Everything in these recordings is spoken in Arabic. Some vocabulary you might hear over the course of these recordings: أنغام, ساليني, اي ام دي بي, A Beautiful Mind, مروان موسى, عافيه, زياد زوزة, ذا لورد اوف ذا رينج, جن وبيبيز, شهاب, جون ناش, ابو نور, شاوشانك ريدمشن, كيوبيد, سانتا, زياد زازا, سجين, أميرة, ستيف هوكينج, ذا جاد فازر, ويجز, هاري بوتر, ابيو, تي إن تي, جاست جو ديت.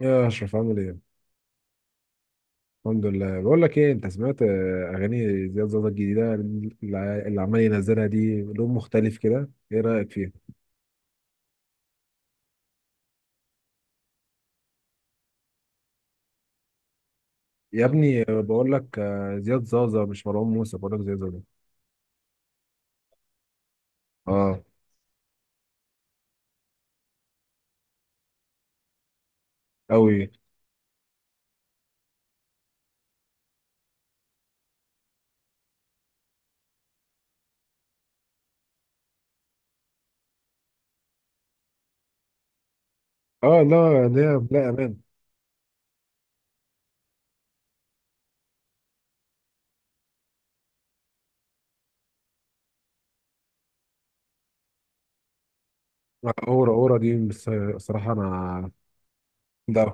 يا اشرف عامل ايه؟ الحمد لله. بقول لك ايه، انت سمعت اغاني زياد زازا الجديده اللي عمال ينزلها دي؟ لون مختلف كده، ايه رايك فيها؟ يا ابني، بقول لك، زياد زازا مش مروان موسى، بقول لك زياد زازا. اه. قوي. اه، لا لا لا، امان. اورا اورا دي، بس الصراحه انا. لا.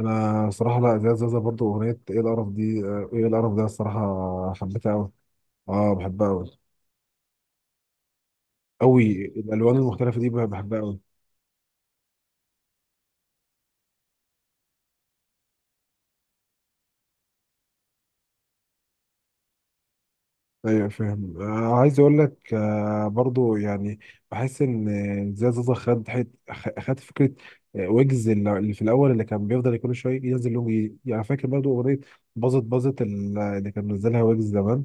انا صراحه، لا، زياد زازا برضو اغنيه ايه القرف دي، ايه القرف ده الصراحه حبيتها قوي. اه بحبها قوي. قوي، الالوان المختلفه دي بحبها قوي. ايوه فاهم، عايز اقول لك، برضو يعني بحس ان زياد زوزة خد خد فكره. ويجز اللي في الاول، اللي كان بيفضل كل شويه ينزل لهم، يعني فاكر برضو اغنيه باظت اللي كان منزلها ويجز زمان.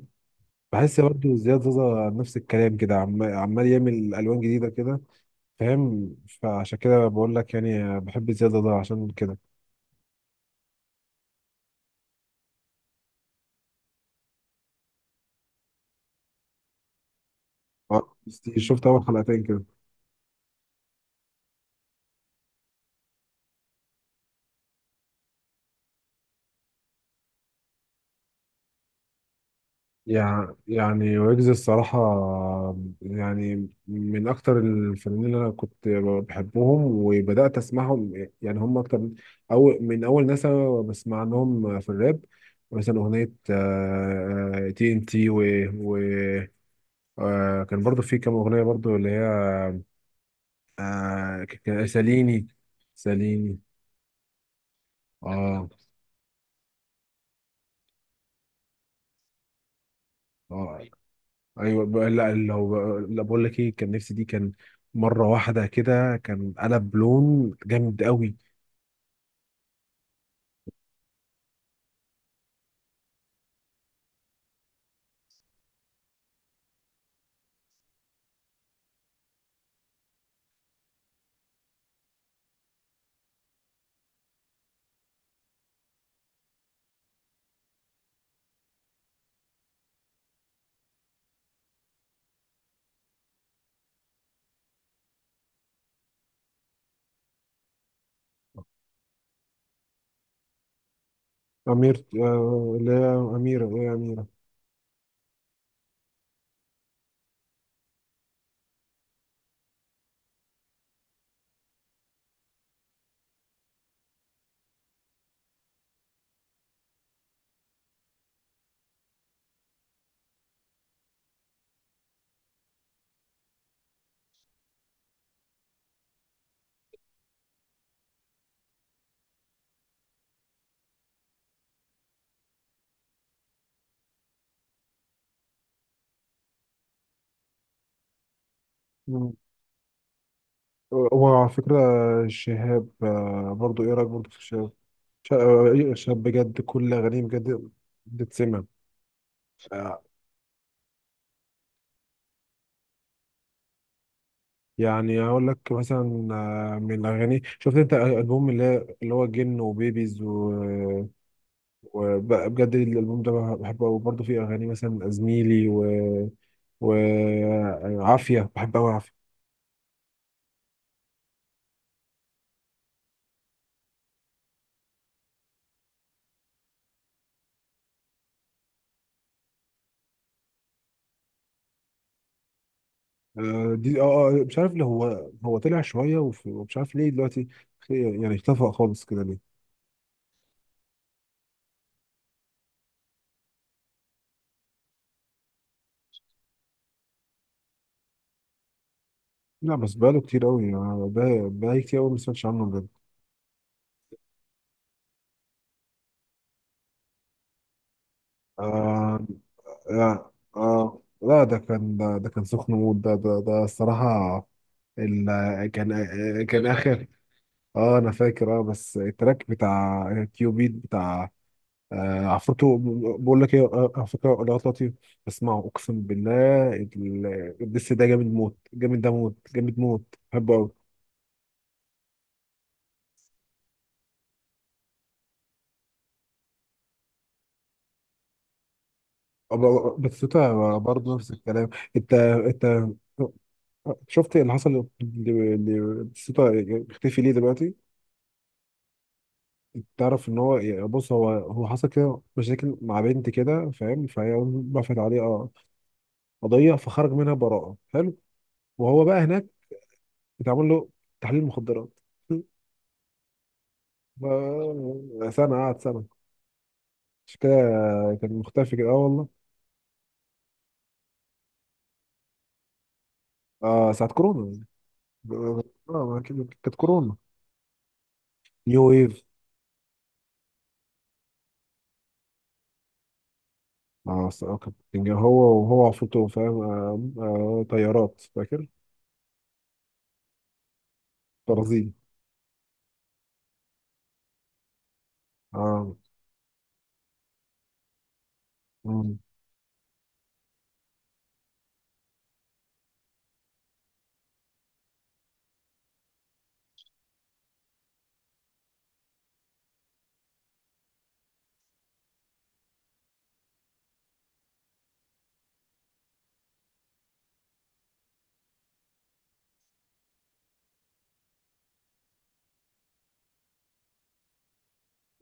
بحس برضو زياد زوزة نفس الكلام كده، عمال يعمل الوان جديده كده. فاهم. فعشان كده بقول لك يعني، بحب زياد زوزة عشان كده. آه، شفت اول حلقتين كده. يعني ويجز الصراحة، يعني من أكتر الفنانين اللي أنا كنت بحبهم وبدأت أسمعهم. يعني هم أكتر من أول ناس أنا بسمع لهم في الراب. مثلا أغنية تي إن تي، وكان برضو في كام أغنية برضو اللي هي ساليني. ساليني. اه. اه، ايوه، لا، لا، بقول لك ايه، كان نفسي دي، كان مره واحده كده، كان قلب لون جامد قوي. أمير، اللي هي أميرة، مم. وعلى فكرة شهاب، برضو إيه رأيك برضو في شهاب؟ ش- آه، إيه، شهاب بجد كل أغانيه بجد بتتسمع. آه، يعني أقول لك مثلا، من الأغاني، شفت أنت ألبوم اللي هو جن وبيبيز وبجد الألبوم ده بحبه، وبرضه فيه أغاني مثلا زميلي وعافيه، بحب قوي عافيه. دي، اه، مش عارف ليه هو، طلع شويه ومش عارف ليه دلوقتي يعني اختفى خالص كده ليه. لا، بس بقاله كتير قوي يعني، بقالي كتير قوي ما سمعتش عنه بجد. آه لا، ده كان سخن موت، ده ده ده الصراحه. كان، كان اخر. اه انا فاكر. اه بس التراك بتاع كيوبيد بتاع، آه، عفوته. بقول لك ايه، على فكره الوقت لطيف، اسمعه اقسم بالله، الدس ده جامد موت، جامد، ده موت، جامد موت. بحبه قوي. بس انت برضه نفس الكلام. انت شفت اللي حصل؟ لسوتا اختفي ليه دلوقتي؟ تعرف ان هو، يعني بص، هو حصل كده مشاكل مع بنت كده فاهم، فهي رفعت عليه قضيه، فخرج منها براءه. حلو. وهو بقى هناك اتعمل له تحليل مخدرات. سنة، قعد سنة، مش كده؟ كان مختفي كده، اه والله. اه، ساعة كورونا. اه، ما كده- كانت كورونا، نيو ويف. اه، كان هو، وهو عفوته فاهم، طيارات، فاكر؟ برازيل. اه. مم.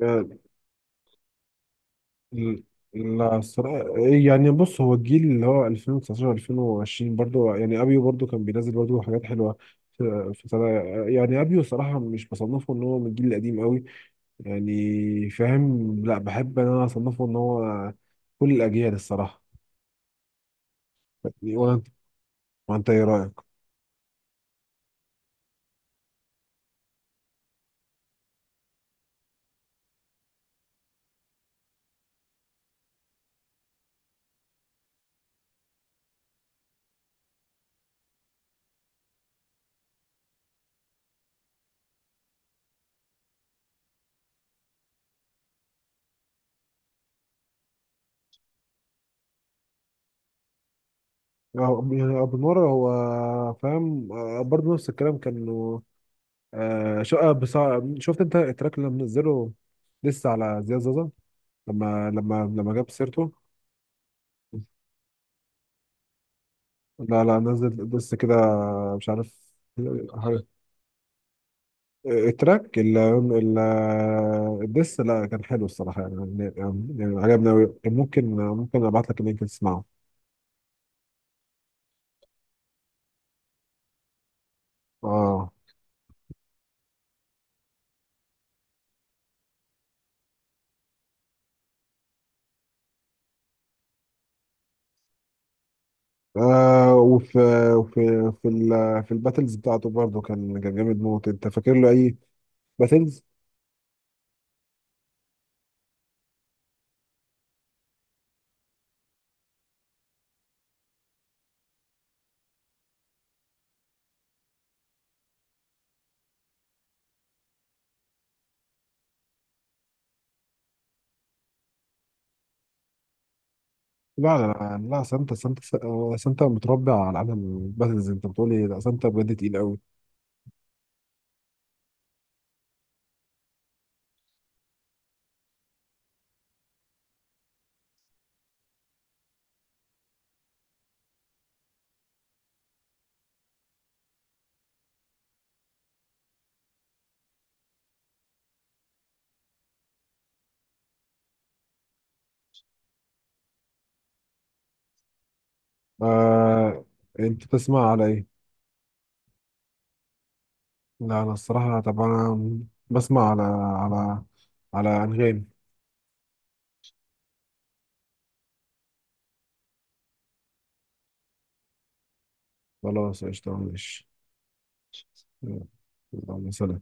آه، ال- لا الصراحة إيه يعني، بص هو الجيل اللي هو 2019 2020 برضو، يعني ابيو برضو كان بينزل برضو حاجات حلوة في سنة. يعني ابيو صراحة مش بصنفه ان هو من الجيل القديم قوي، يعني فاهم، لا بحب ان انا اصنفه ان هو كل الاجيال الصراحه. وانت، وانت ايه رايك؟ يعني ابو نور هو فاهم، برضه نفس الكلام كانوا. آه، شو آه، بس شفت انت التراك اللي منزله لسه على زياد زازا لما جاب سيرته؟ لا، لا، نزل لسه كده، مش عارف. التراك ال ال الدس، لا كان حلو الصراحة يعني, يعني عجبني أوي. ممكن أبعت لك اللينك تسمعه. آه وفي، وفي، في في الباتلز بتاعته برضه، كان جامد موت. أنت فاكر له أي باتلز؟ لا لا لا لا، سانتا سانتا، سانتا متربع على عالم الباتلز. أنت بتقولي لا، سانتا بجد تقيل أوي. آه. أنت بتسمع على إيه؟ لا أنا الصراحة طبعا بسمع على على أنغام. خلاص قشطة، ماشي. اللهم صل.